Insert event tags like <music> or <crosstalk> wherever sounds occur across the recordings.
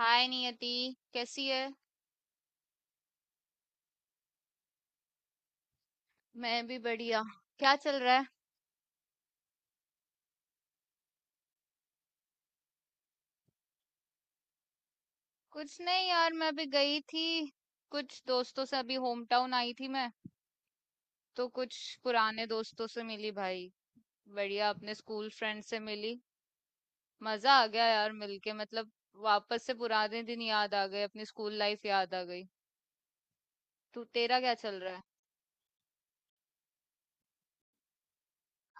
हाय नियति, कैसी है। मैं भी बढ़िया। क्या चल रहा है। कुछ नहीं यार, मैं अभी गई थी कुछ दोस्तों से, अभी होम टाउन आई थी मैं, तो कुछ पुराने दोस्तों से मिली भाई। बढ़िया, अपने स्कूल फ्रेंड से मिली। मजा आ गया यार मिलके, मतलब वापस से पुराने दिन याद आ गए, अपनी स्कूल लाइफ याद आ गई। तू, तेरा क्या चल रहा है।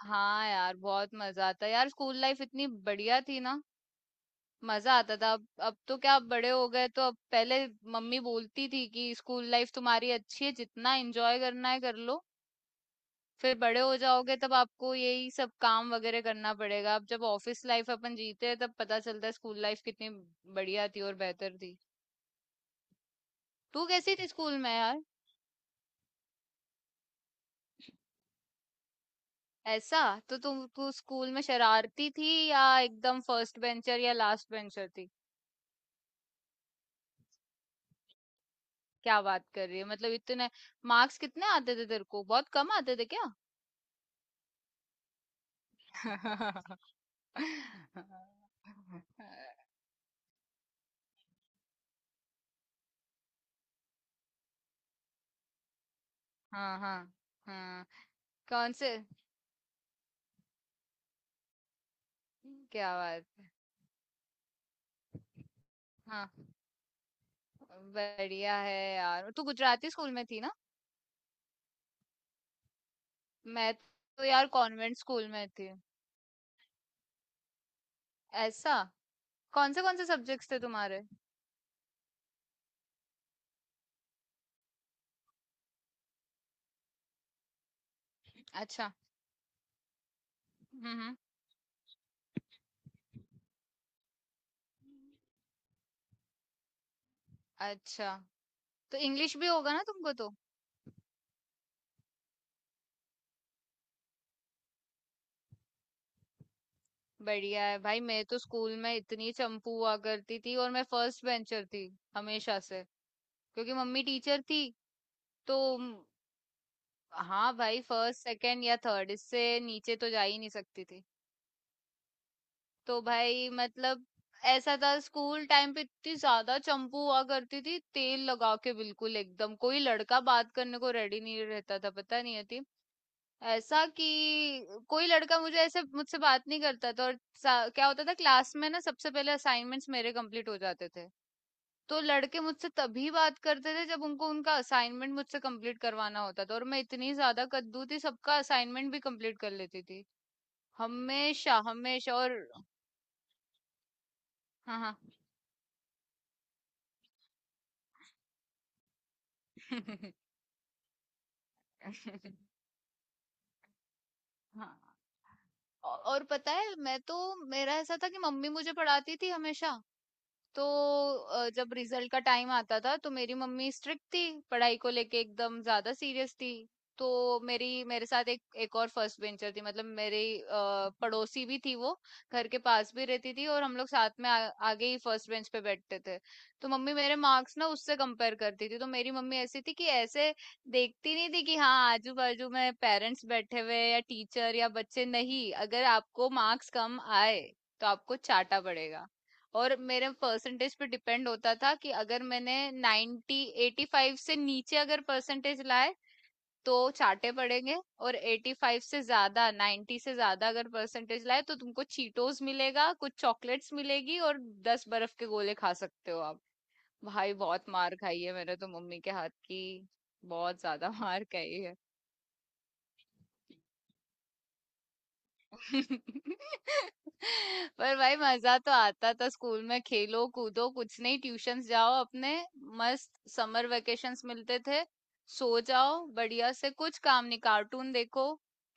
हाँ यार, बहुत मजा आता है यार, स्कूल लाइफ इतनी बढ़िया थी ना। मजा आता था। अब तो क्या, अब बड़े हो गए, तो अब पहले मम्मी बोलती थी कि स्कूल लाइफ तुम्हारी अच्छी है, जितना एंजॉय करना है कर लो, फिर बड़े हो जाओगे तब आपको यही सब काम वगैरह करना पड़ेगा। अब जब ऑफिस लाइफ अपन जीते हैं तब पता चलता है स्कूल लाइफ कितनी बढ़िया थी और बेहतर थी। तू कैसी थी स्कूल में यार। ऐसा। तो तुम तू स्कूल में शरारती थी या एकदम फर्स्ट बेंचर या लास्ट बेंचर थी। क्या बात कर रही है, मतलब इतने मार्क्स कितने आते थे तेरे को, बहुत कम आते थे क्या। <laughs> हाँ, हाँ, हाँ। कौन से। क्या बात है। हाँ। बढ़िया है यार, तू गुजराती स्कूल में थी ना। मैं तो यार कॉन्वेंट स्कूल में थी। ऐसा। कौन से सब्जेक्ट्स थे तुम्हारे। अच्छा। हम्म, हम्म। अच्छा। तो इंग्लिश भी होगा ना तुमको तो। बढ़िया है भाई, मैं तो स्कूल में इतनी चंपू हुआ करती थी और मैं फर्स्ट बेंचर थी हमेशा से, क्योंकि मम्मी टीचर थी। तो हाँ भाई, फर्स्ट, सेकंड या थर्ड, इससे नीचे तो जा ही नहीं सकती थी। तो भाई मतलब ऐसा था, स्कूल टाइम पे इतनी ज्यादा चंपू हुआ करती थी तेल लगा के बिल्कुल एकदम, कोई लड़का बात करने को रेडी नहीं रहता था, पता नहीं होती ऐसा कि कोई लड़का मुझे ऐसे मुझसे बात नहीं करता था। और क्या होता था क्लास में ना, सबसे पहले असाइनमेंट्स मेरे कंप्लीट हो जाते थे, तो लड़के मुझसे तभी बात करते थे जब उनको उनका असाइनमेंट मुझसे कंप्लीट करवाना होता था, और मैं इतनी ज्यादा कद्दू थी, सबका असाइनमेंट भी कंप्लीट कर लेती थी हमेशा हमेशा। और हाँ, हाँ। <laughs> हाँ। और पता है मैं तो, मेरा ऐसा था कि मम्मी मुझे पढ़ाती थी हमेशा। तो जब रिजल्ट का टाइम आता था तो मेरी मम्मी स्ट्रिक्ट थी, पढ़ाई को लेके एकदम ज्यादा सीरियस थी। तो मेरी मेरे साथ एक एक और फर्स्ट बेंचर थी, मतलब मेरी पड़ोसी भी थी, वो घर के पास भी रहती थी, और हम लोग साथ में आगे ही फर्स्ट बेंच पे बैठते थे। तो मम्मी मेरे मार्क्स ना उससे कंपेयर करती थी, तो मेरी मम्मी ऐसी थी कि ऐसे देखती नहीं थी कि हाँ आजू बाजू में पेरेंट्स बैठे हुए हैं या टीचर या बच्चे, नहीं, अगर आपको मार्क्स कम आए तो आपको चाटा पड़ेगा। और मेरे परसेंटेज पे डिपेंड होता था, कि अगर मैंने 90, 85 से नीचे अगर परसेंटेज लाए तो चाटे पड़ेंगे, और 85 से ज्यादा, 90 से ज्यादा अगर परसेंटेज लाए तो तुमको चीटोस मिलेगा, कुछ चॉकलेट्स मिलेगी, और 10 बर्फ के गोले खा सकते हो आप। भाई बहुत मार खाई है मैंने तो मम्मी के हाथ की, बहुत ज्यादा <laughs> मार खाई है। <laughs> पर भाई मजा तो आता था स्कूल में, खेलो कूदो, कुछ नहीं, ट्यूशंस जाओ अपने, मस्त समर वेकेशंस मिलते थे, सो जाओ बढ़िया से, कुछ काम नहीं, कार्टून देखो,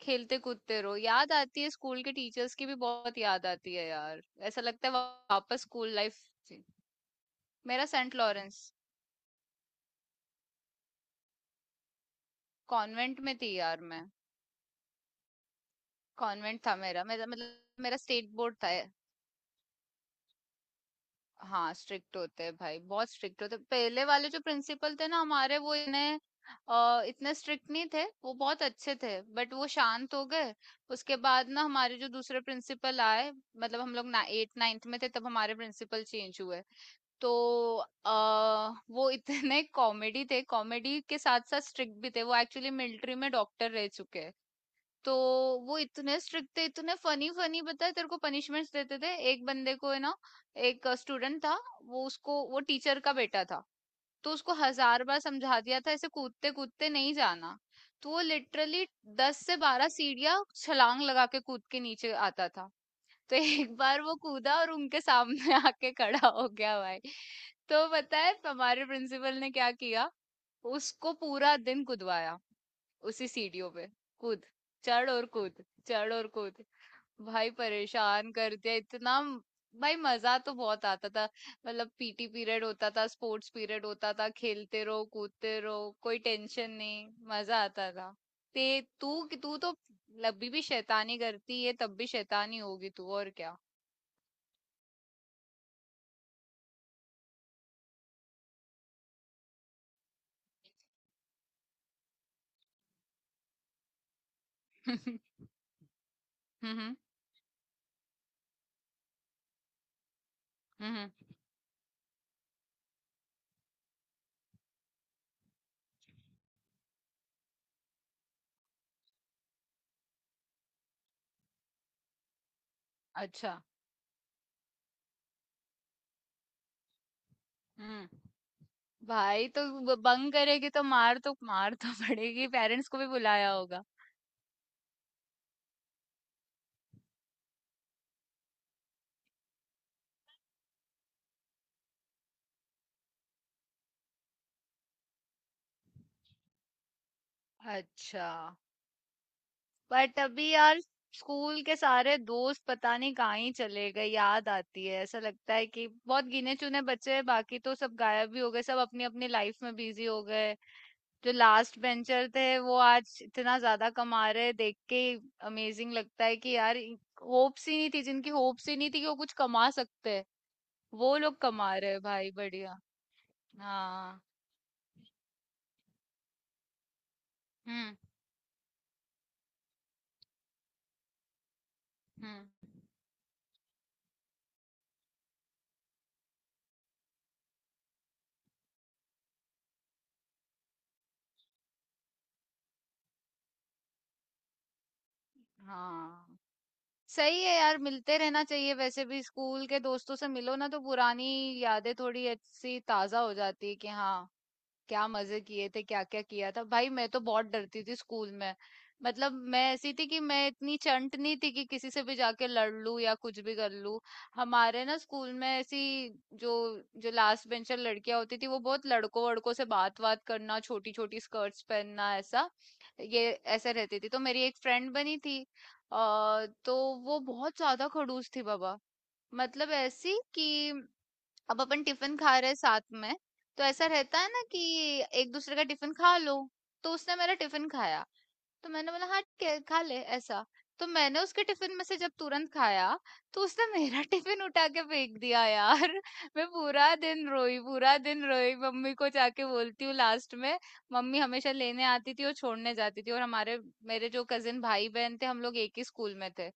खेलते कूदते रहो। याद आती है स्कूल के टीचर्स की भी, बहुत याद आती है यार। ऐसा लगता है वापस स्कूल लाइफ। मेरा सेंट लॉरेंस। कॉन्वेंट में थी यार मैं। कॉन्वेंट था मेरा मेरा, मतलब मेरा स्टेट बोर्ड था। हाँ, स्ट्रिक्ट होते हैं भाई, बहुत स्ट्रिक्ट होते हैं। पहले वाले जो प्रिंसिपल थे ना हमारे, वो इन्हें इतने स्ट्रिक्ट नहीं थे, वो बहुत अच्छे थे, बट वो शांत हो गए। उसके बाद ना हमारे जो दूसरे प्रिंसिपल आए, मतलब हम लोग ना एट, नाइन्थ में थे तब हमारे प्रिंसिपल चेंज हुए। तो अ, वो इतने <laughs> कॉमेडी थे, कॉमेडी के साथ साथ स्ट्रिक्ट भी थे, वो एक्चुअली मिलिट्री में डॉक्टर रह चुके हैं। तो वो इतने स्ट्रिक्ट थे, इतने फनी फनी, पता है तेरे को पनिशमेंट्स देते थे, एक बंदे को है ना, एक स्टूडेंट था, वो उसको वो टीचर का बेटा था। तो उसको हजार बार समझा दिया था ऐसे कूदते कूदते नहीं जाना, तो वो लिटरली 10 से 12 सीढ़ियां छलांग लगा के कूद के नीचे आता था। तो एक बार वो कूदा और उनके सामने <laughs> आके खड़ा हो गया भाई। तो पता है हमारे प्रिंसिपल ने क्या किया, उसको पूरा दिन कुदवाया, उसी सीढ़ियों पे कूद, चढ़ और कूद, चढ़ और कूद, भाई परेशान कर दिया इतना भाई मजा तो बहुत आता था, मतलब पीटी पीरियड होता था, स्पोर्ट्स पीरियड होता था, खेलते रहो कूदते रहो, कोई टेंशन नहीं, मजा आता था। ते तू तू तो लब्बी भी शैतानी करती है, तब भी शैतानी होगी तू, और क्या। <laughs> हम्म, हम्म। अच्छा। हम्म। भाई तो बंक करेगी तो मार तो पड़ेगी, पेरेंट्स को भी बुलाया होगा। अच्छा। बट अभी यार स्कूल के सारे दोस्त पता नहीं कहाँ ही चले गए, याद आती है, ऐसा लगता है कि बहुत गिने चुने बच्चे हैं, बाकी तो सब गायब भी हो गए, सब अपनी अपनी लाइफ में बिजी हो गए। जो लास्ट बेंचर थे वो आज इतना ज्यादा कमा रहे, देख के अमेजिंग लगता है कि यार, होप्स ही नहीं थी जिनकी, होप्स ही नहीं थी कि वो कुछ कमा सकते हैं, वो लोग कमा रहे हैं भाई, बढ़िया। हाँ। हम्म, हम्म। हाँ। सही है यार, मिलते रहना चाहिए, वैसे भी स्कूल के दोस्तों से मिलो ना तो पुरानी यादें थोड़ी ऐसी ताजा हो जाती है कि हाँ, क्या मजे किए थे, क्या क्या किया था। भाई मैं तो बहुत डरती थी स्कूल में, मतलब मैं ऐसी थी कि मैं इतनी चंट नहीं थी कि किसी से भी जाके लड़ लूं या कुछ भी कर लूं। हमारे ना स्कूल में ऐसी, जो जो लास्ट बेंचर लड़कियां होती थी, वो बहुत लड़कों वड़कों से बात बात करना, छोटी छोटी स्कर्ट्स पहनना, ऐसा ये ऐसे रहती थी। तो मेरी एक फ्रेंड बनी थी अ, तो वो बहुत ज्यादा खड़ूस थी बाबा, मतलब ऐसी कि अब अपन टिफिन खा रहे हैं साथ में, तो ऐसा रहता है ना कि एक दूसरे का टिफिन खा लो। तो उसने मेरा टिफिन खाया, तो मैंने बोला हाँ ठीक है, खा ले ऐसा, तो मैंने उसके टिफिन में से जब तुरंत खाया तो उसने <laughs> मेरा टिफिन उठा के फेंक दिया यार। मैं पूरा दिन रोई, पूरा दिन रोई, मम्मी को जाके बोलती हूँ लास्ट में। मम्मी हमेशा लेने आती थी और छोड़ने जाती थी, और हमारे मेरे जो कजिन भाई बहन थे, हम लोग एक ही स्कूल में थे।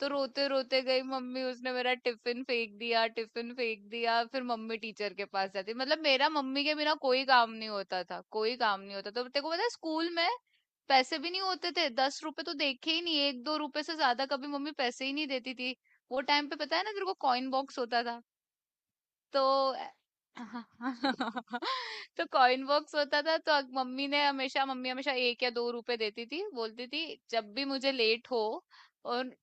तो रोते रोते गई मम्मी, उसने मेरा टिफिन फेंक दिया, टिफिन फेंक दिया, फिर मम्मी टीचर के पास जाती, मतलब मेरा मम्मी के बिना कोई काम नहीं होता था, कोई काम नहीं होता, तो तेको पता है स्कूल में पैसे भी नहीं होते थे, 10 रुपए तो देखे ही नहीं, एक दो रुपए से ज्यादा कभी मम्मी पैसे ही नहीं देती थी। वो टाइम पे पता है ना तेरे को कॉइन बॉक्स होता था, तो <laughs> तो कॉइन बॉक्स होता था, तो मम्मी हमेशा 1 या 2 रुपए देती थी, बोलती थी जब भी मुझे लेट हो और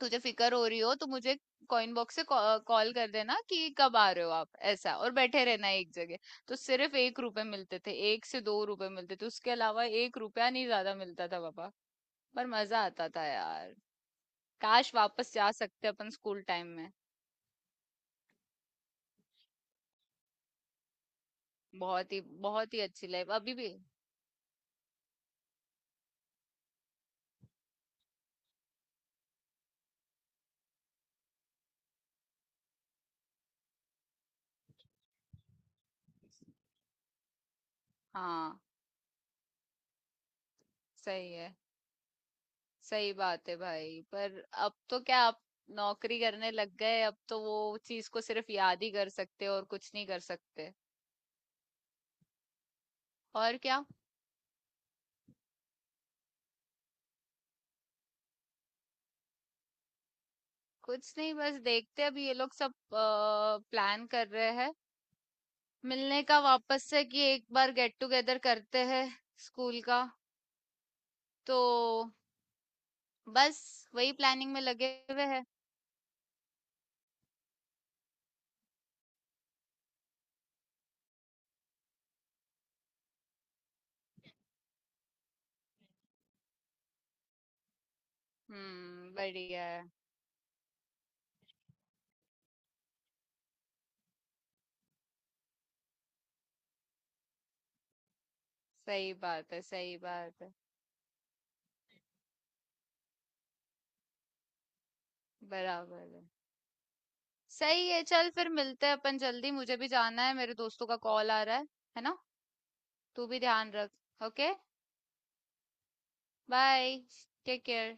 तुझे फिकर हो रही हो तो मुझे कॉइन बॉक्स से कॉल कर देना कि कब आ रहे हो आप, ऐसा, और बैठे रहना एक जगह। तो सिर्फ 1 रुपए मिलते थे, 1 से 2 रुपए मिलते थे, उसके अलावा 1 रुपया नहीं ज्यादा मिलता था पापा। पर मजा आता था यार, काश वापस जा सकते अपन स्कूल टाइम में। बहुत ही, बहुत ही अच्छी लाइफ अभी भी। हाँ। सही है। सही बात है भाई, पर अब तो क्या आप नौकरी करने लग गए, अब तो वो चीज को सिर्फ याद ही कर सकते हो और कुछ नहीं कर सकते, और क्या। कुछ नहीं, बस देखते हैं, अभी ये लोग सब प्लान कर रहे हैं मिलने का वापस से, कि एक बार गेट टुगेदर करते हैं स्कूल का, तो बस वही प्लानिंग में लगे हुए हैं। हम्म, बढ़िया है। सही बात है, सही बात है। बराबर है। सही है, चल फिर मिलते हैं अपन जल्दी, मुझे भी जाना है, मेरे दोस्तों का कॉल आ रहा है ना। तू भी ध्यान रख। ओके। बाय। Take care.